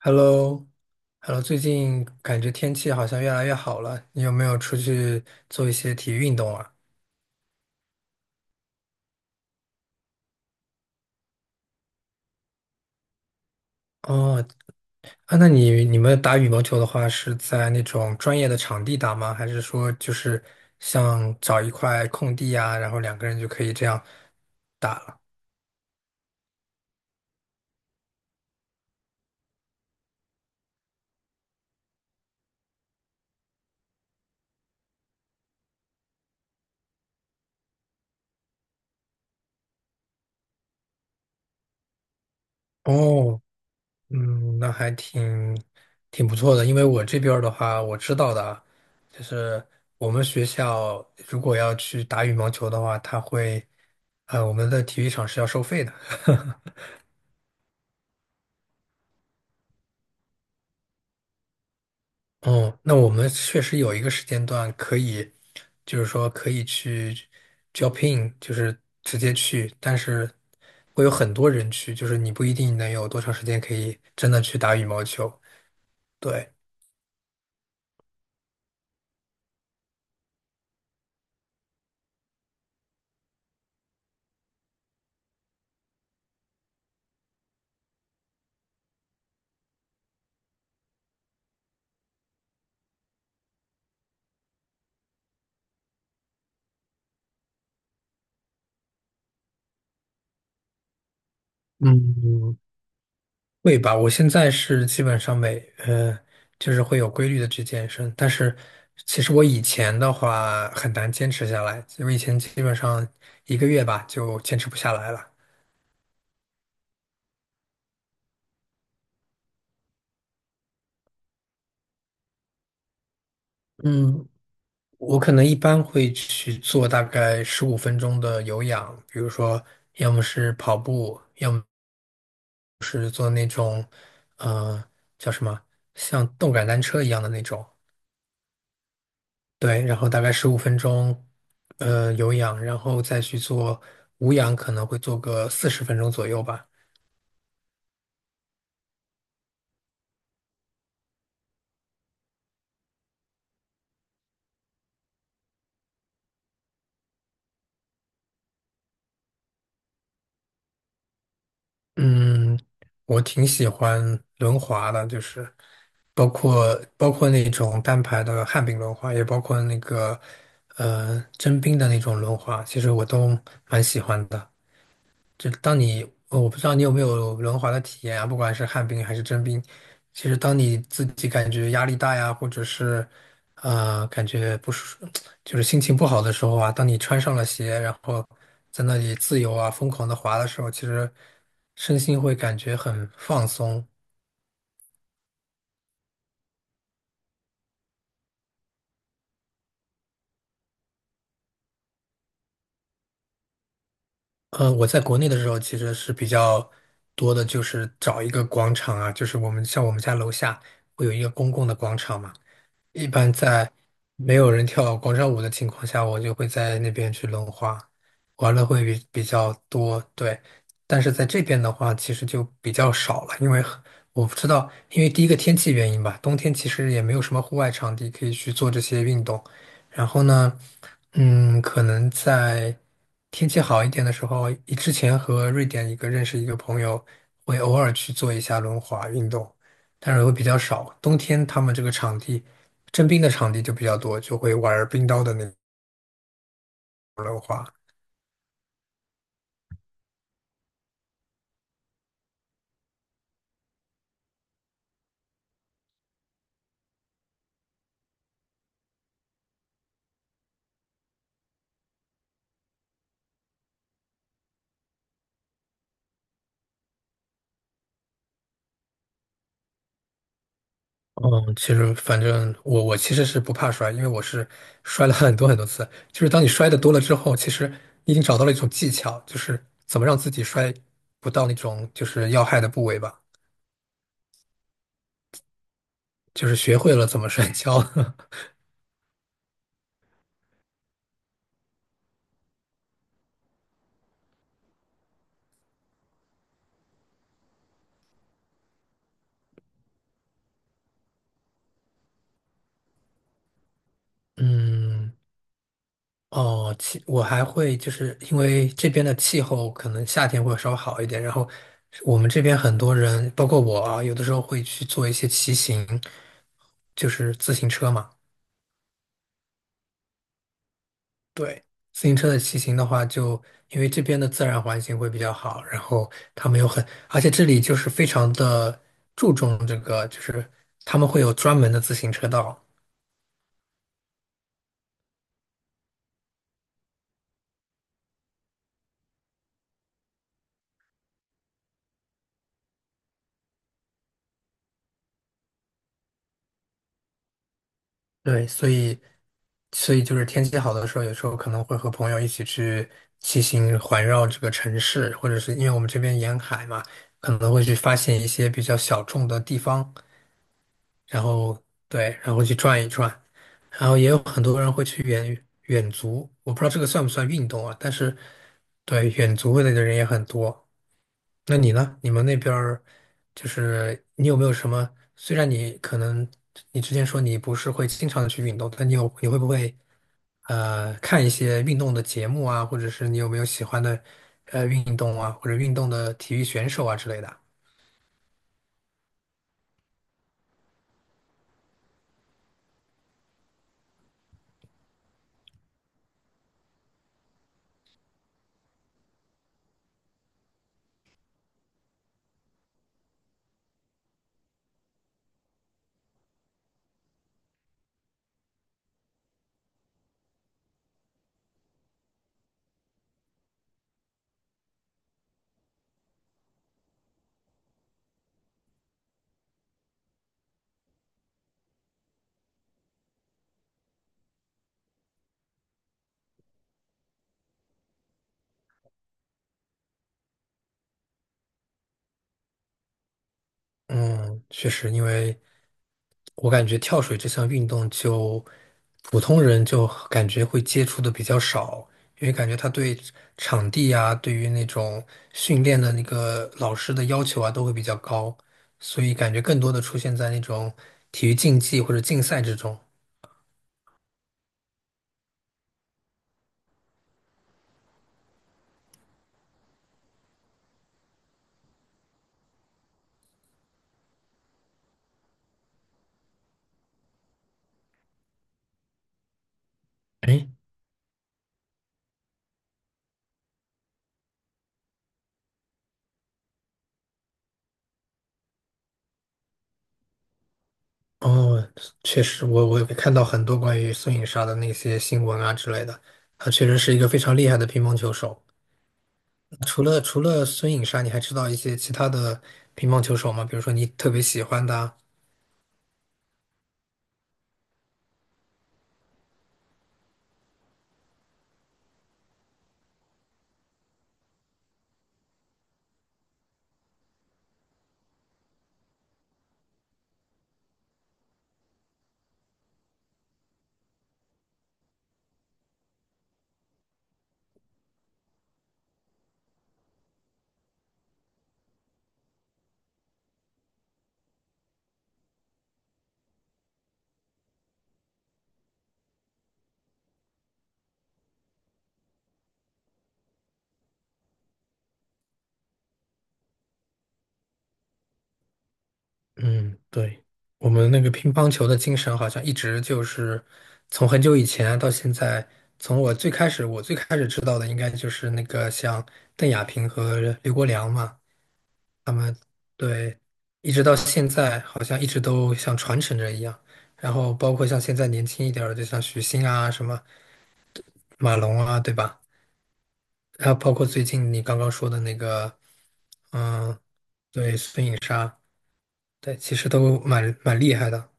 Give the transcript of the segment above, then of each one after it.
Hello,Hello,最近感觉天气好像越来越好了，你有没有出去做一些体育运动啊？哦，啊，那你们打羽毛球的话，是在那种专业的场地打吗？还是说就是像找一块空地啊，然后两个人就可以这样打了？哦，嗯，那还挺不错的，因为我这边儿的话，我知道的啊，就是我们学校如果要去打羽毛球的话，它会，我们的体育场是要收费的。哦，那我们确实有一个时间段可以，就是说可以去 Jopin，就是直接去，但是会有很多人去，就是你不一定能有多长时间可以真的去打羽毛球。对。嗯，会吧，我现在是基本上每就是会有规律的去健身，但是其实我以前的话很难坚持下来，我以前基本上1个月吧就坚持不下来了。嗯，我可能一般会去做大概十五分钟的有氧，比如说要么是跑步，要么是做那种呃叫什么像动感单车一样的那种。对，然后大概十五分钟，呃，有氧，然后再去做无氧，可能会做个40分钟左右吧。嗯，我挺喜欢轮滑的，就是包括那种单排的旱冰轮滑，也包括那个真冰的那种轮滑，其实我都蛮喜欢的。就是当你，我不知道你有没有轮滑的体验啊，不管是旱冰还是真冰，其实当你自己感觉压力大呀，或者是，感觉不舒，就是心情不好的时候啊，当你穿上了鞋，然后在那里自由啊、疯狂的滑的时候，其实身心会感觉很放松。呃，我在国内的时候其实是比较多的，就是找一个广场啊，就是像我们家楼下会有一个公共的广场嘛。一般在没有人跳广场舞的情况下，我就会在那边去轮滑，玩的会比较多，对。但是在这边的话，其实就比较少了，因为我不知道，因为第一个天气原因吧，冬天其实也没有什么户外场地可以去做这些运动。然后呢，嗯，可能在天气好一点的时候，之前和瑞典认识一个朋友，会偶尔去做一下轮滑运动，但是会比较少。冬天他们这个场地。征兵的场地就比较多，就会玩冰刀的那。嗯，其实反正我其实是不怕摔，因为我是摔了很多很多次。就是当你摔的多了之后，其实你已经找到了一种技巧，就是怎么让自己摔不到那种就是要害的部位吧，就是学会了怎么摔跤。嗯，哦，我还会就是因为这边的气候可能夏天会稍微好一点，然后我们这边很多人，包括我啊，有的时候会去做一些骑行，就是自行车嘛。对，自行车的骑行的话就，因为这边的自然环境会比较好，然后他们有很，而且这里就是非常的注重这个，就是他们会有专门的自行车道。对，所以就是天气好的时候，有时候可能会和朋友一起去骑行环绕这个城市，或者是因为我们这边沿海嘛，可能会去发现一些比较小众的地方，然后对，然后去转一转，然后也有很多人会去远足，我不知道这个算不算运动啊，但是对远足的人也很多。那你呢？你们那边儿就是你有没有什么？虽然你可能你之前说你不是会经常的去运动，但你会不会看一些运动的节目啊，或者是你有没有喜欢的运动啊，或者运动的体育选手啊之类的？嗯，确实，因为我感觉跳水这项运动就普通人就感觉会接触的比较少，因为感觉他对场地啊，对于那种训练的那个老师的要求啊，都会比较高，所以感觉更多的出现在那种体育竞技或者竞赛之中。哎，哦，确实我有看到很多关于孙颖莎的那些新闻啊之类的，她确实是一个非常厉害的乒乓球手。除了孙颖莎，你还知道一些其他的乒乓球手吗？比如说你特别喜欢的啊。嗯，对，我们那个乒乓球的精神好像一直就是从很久以前到现在，从我最开始知道的应该就是那个像邓亚萍和刘国梁嘛，他们对，一直到现在好像一直都像传承着一样，然后包括像现在年轻一点儿的，就像许昕啊、什么马龙啊，对吧？还有包括最近你刚刚说的那个，嗯，对，孙颖莎，对，其实都蛮厉害的。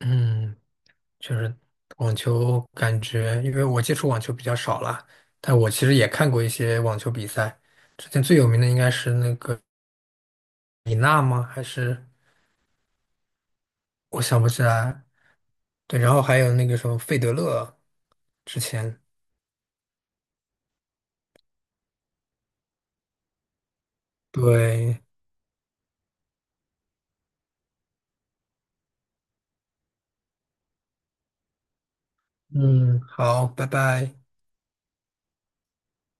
嗯，确实，网球感觉，因为我接触网球比较少了，但我其实也看过一些网球比赛。之前最有名的应该是那个李娜吗？还是我想不起来。对，然后还有那个什么费德勒，之前。对，嗯，好，拜拜。